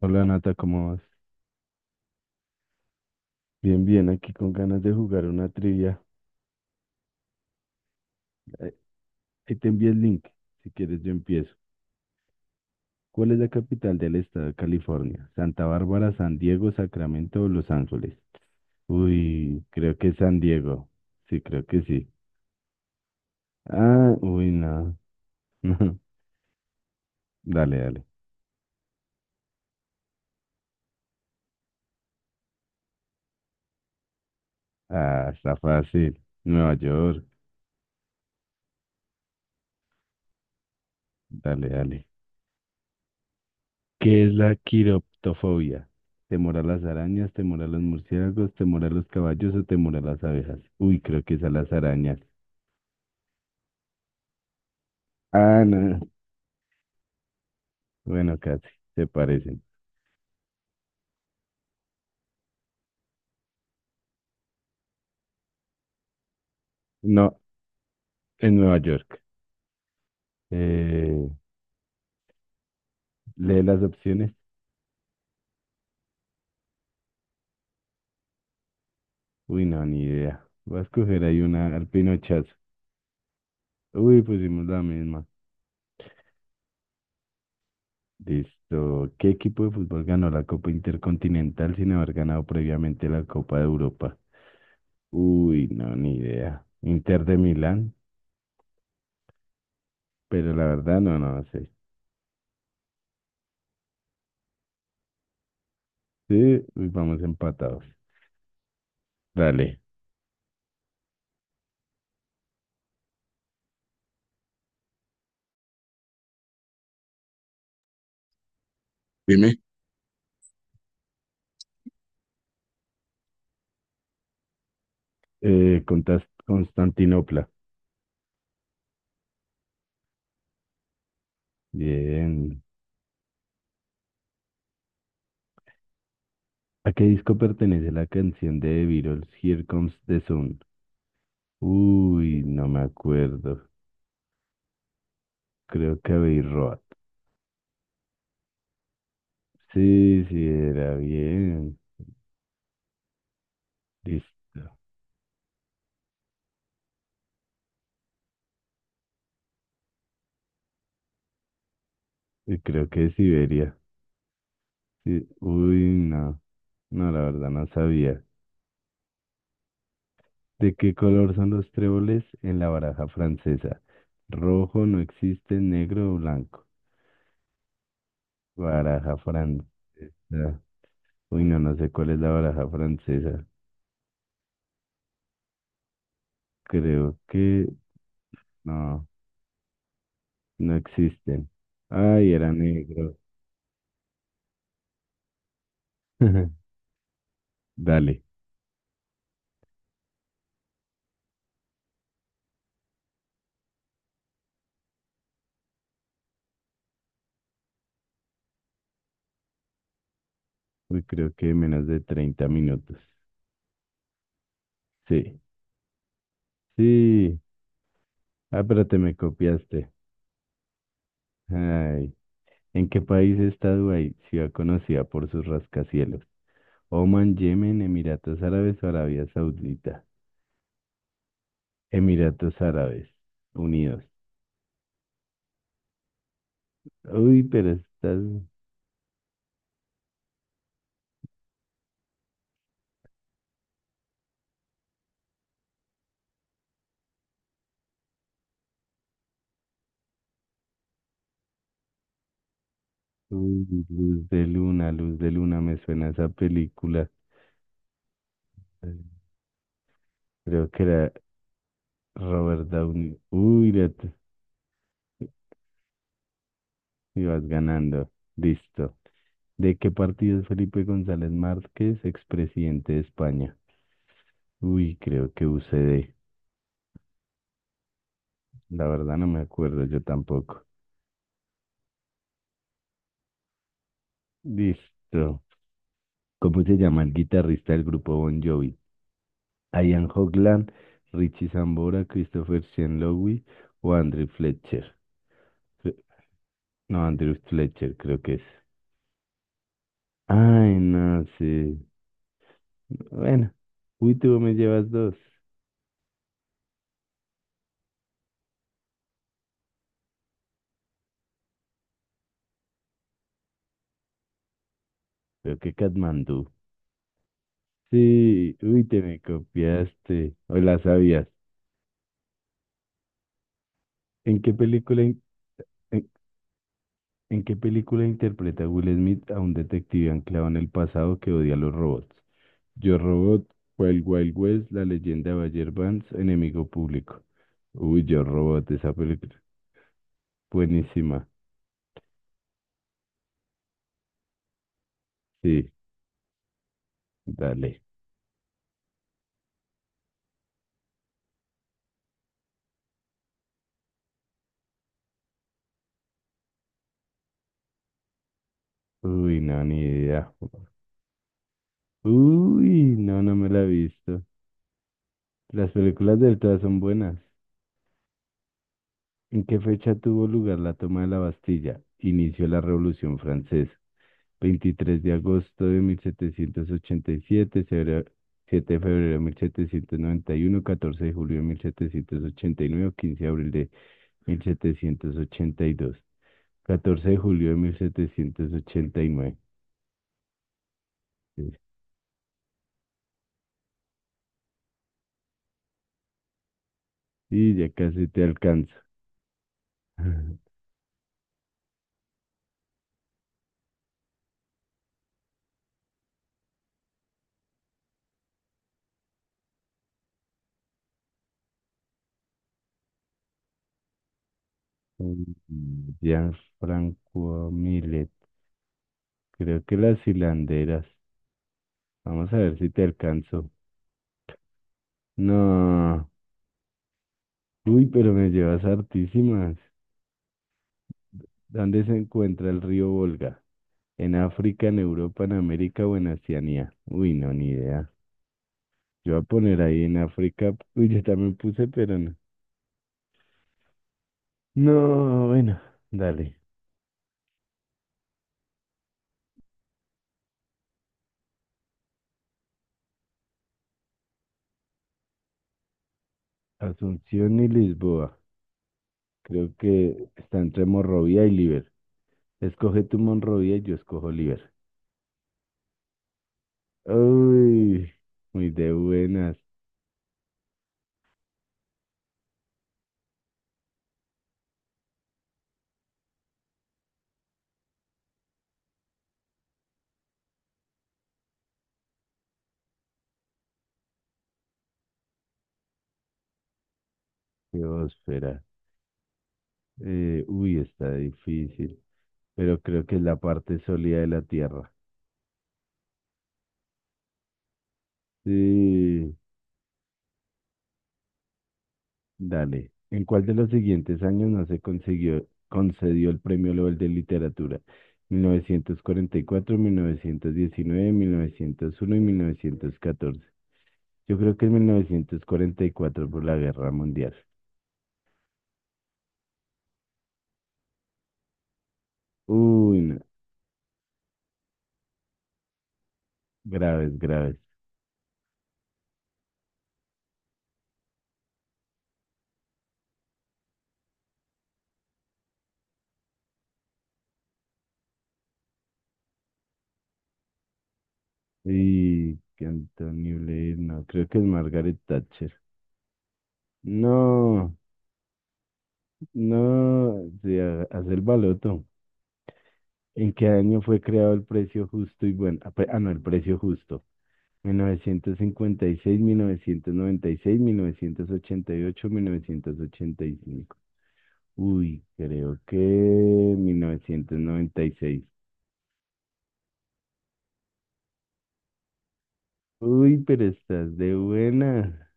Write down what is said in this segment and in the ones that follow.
Hola Nata, ¿cómo vas? Bien, bien, aquí con ganas de jugar una trivia. Eh, Ahí te envío el link, si quieres yo empiezo. ¿Cuál es la capital del estado de California? ¿Santa Bárbara, San Diego, Sacramento o Los Ángeles? Uy, creo que es San Diego. Sí, creo que sí. Ah, uy, no. No, dale, dale. Ah, está fácil. Nueva York. Dale, dale. ¿Qué es la quiroptofobia? ¿Temor a las arañas, temor a los murciélagos, temor a los caballos o temor a las abejas? Uy, creo que es a las arañas. Ah, no. Bueno, casi, se parecen. No, en Nueva York. Eh, lee las opciones. Uy, no, ni idea. Voy a escoger ahí una al pinochazo. Uy, pusimos la misma. Listo. ¿Qué equipo de fútbol ganó la Copa Intercontinental sin haber ganado previamente la Copa de Europa? Uy, no, ni idea. Inter de Milán. Pero la verdad, no, no sé. Sí, uy, vamos empatados. Dale. Constantinopla. Bien. ¿A qué disco pertenece la canción de The Beatles, Here Comes the Sun? Uy, no me acuerdo. Creo que Abbey Road. Sí, sí, era bien. Lis- Creo que Siberia. Sí. Uy, no. No, la verdad, no sabía. ¿De qué color son los tréboles en la baraja francesa? Rojo no existe, negro o blanco. Baraja francesa. Uy, no, no sé cuál es la baraja francesa. Creo que no, no existen. Ay, era negro. Dale. Uy, creo que menos de 30 minutos. Sí, sí. Ah, pero te me copiaste. Ay. ¿En qué país está Dubái, ciudad conocida por sus rascacielos? Oman, Yemen, Emiratos Árabes o Arabia Saudita. Emiratos Árabes Unidos. Uy, pero estás. Uy, Luz de Luna, me suena esa película. Creo que era Robert Downey. Ibas ganando. Listo. ¿De qué partido es Felipe González Márquez, expresidente de España? Uy, creo que UCD. La verdad no me acuerdo, yo tampoco. Listo. ¿Cómo se llama el guitarrista del grupo Bon Jovi? Ian Hogland, Richie Sambora, Christopher Sean Lowe o Andrew Fletcher. Cre- No, Andrew Fletcher creo que es. Ay, no, sí. Bueno, uy, tú me llevas 2. Pero qué Katmandú. Sí, uy, te me copiaste. O la sabías. ¿En qué película, in- en, ¿en qué película interpreta Will Smith a un detective anclado en el pasado que odia a los robots? Yo Robot, Wild Wild West, La leyenda de Bayer Vance, Enemigo Público. Uy, Yo Robot, esa película. Buenísima. Sí, dale. Uy, no, ni idea. Uy, no, no me la he visto. Las películas del TOA son buenas. ¿En qué fecha tuvo lugar la toma de la Bastilla? Inició la Revolución Francesa. 23 de agosto de 1787, febrero- 7 de febrero de 1791, 14 de julio de 1789, 15 de abril de 1782, 14 de julio de 1789. Y nueve. Y ya casi te alcanzo. Ya Franco Millet, creo que las hilanderas. Vamos a ver si te alcanzo. No. Uy, pero me llevas hartísimas. ¿Dónde se encuentra el río Volga? ¿En África, en Europa, en América o en Oceanía? Uy, no, ni idea. Yo voy a poner ahí en África. Uy, yo también puse, pero no. No, bueno, dale. Asunción y Lisboa. Creo que está entre Monrovia y Liver. Escoge tu Monrovia y yo escojo Liver. Uy, muy de buenas. Qué óspera. Uy, está difícil. Pero creo que es la parte sólida de la Tierra. Sí, dale. ¿En cuál de los siguientes años no concedió el Premio Nobel de Literatura? Mil novecientos cuarenta y cuatro, mil novecientos diecinueve uno y mil novecientos catorce. Yo creo que es 1944 por la Guerra Mundial. Uy, no, graves, graves. Y que Antonio Blair, no, creo que es Margaret Thatcher. No, no, hace el baloto. ¿En qué año fue creado el precio justo y bueno? No, el precio justo. 1956, 1996, 1988, 1985. Uy, creo que 1996. Uy, pero estás de buena.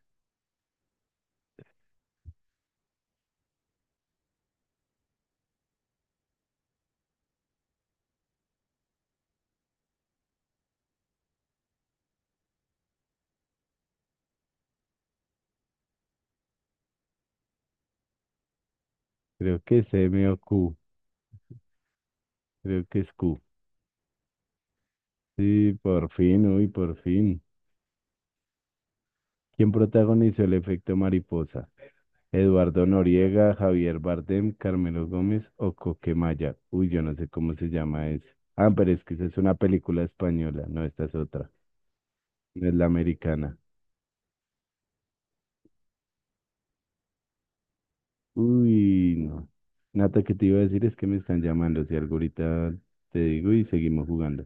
Creo que es M o Q. Creo que es Q. Sí, por fin, uy, por fin. ¿Quién protagonizó el efecto mariposa? Eduardo Noriega, Javier Bardem, Carmelo Gómez o Coquemaya. Uy, yo no sé cómo se llama eso. Ah, pero es que esa es una película española, no, esta es otra. No es la americana. Uy, no. Nata, que te iba a decir es que me están llamando, si algo ahorita te digo y seguimos jugando.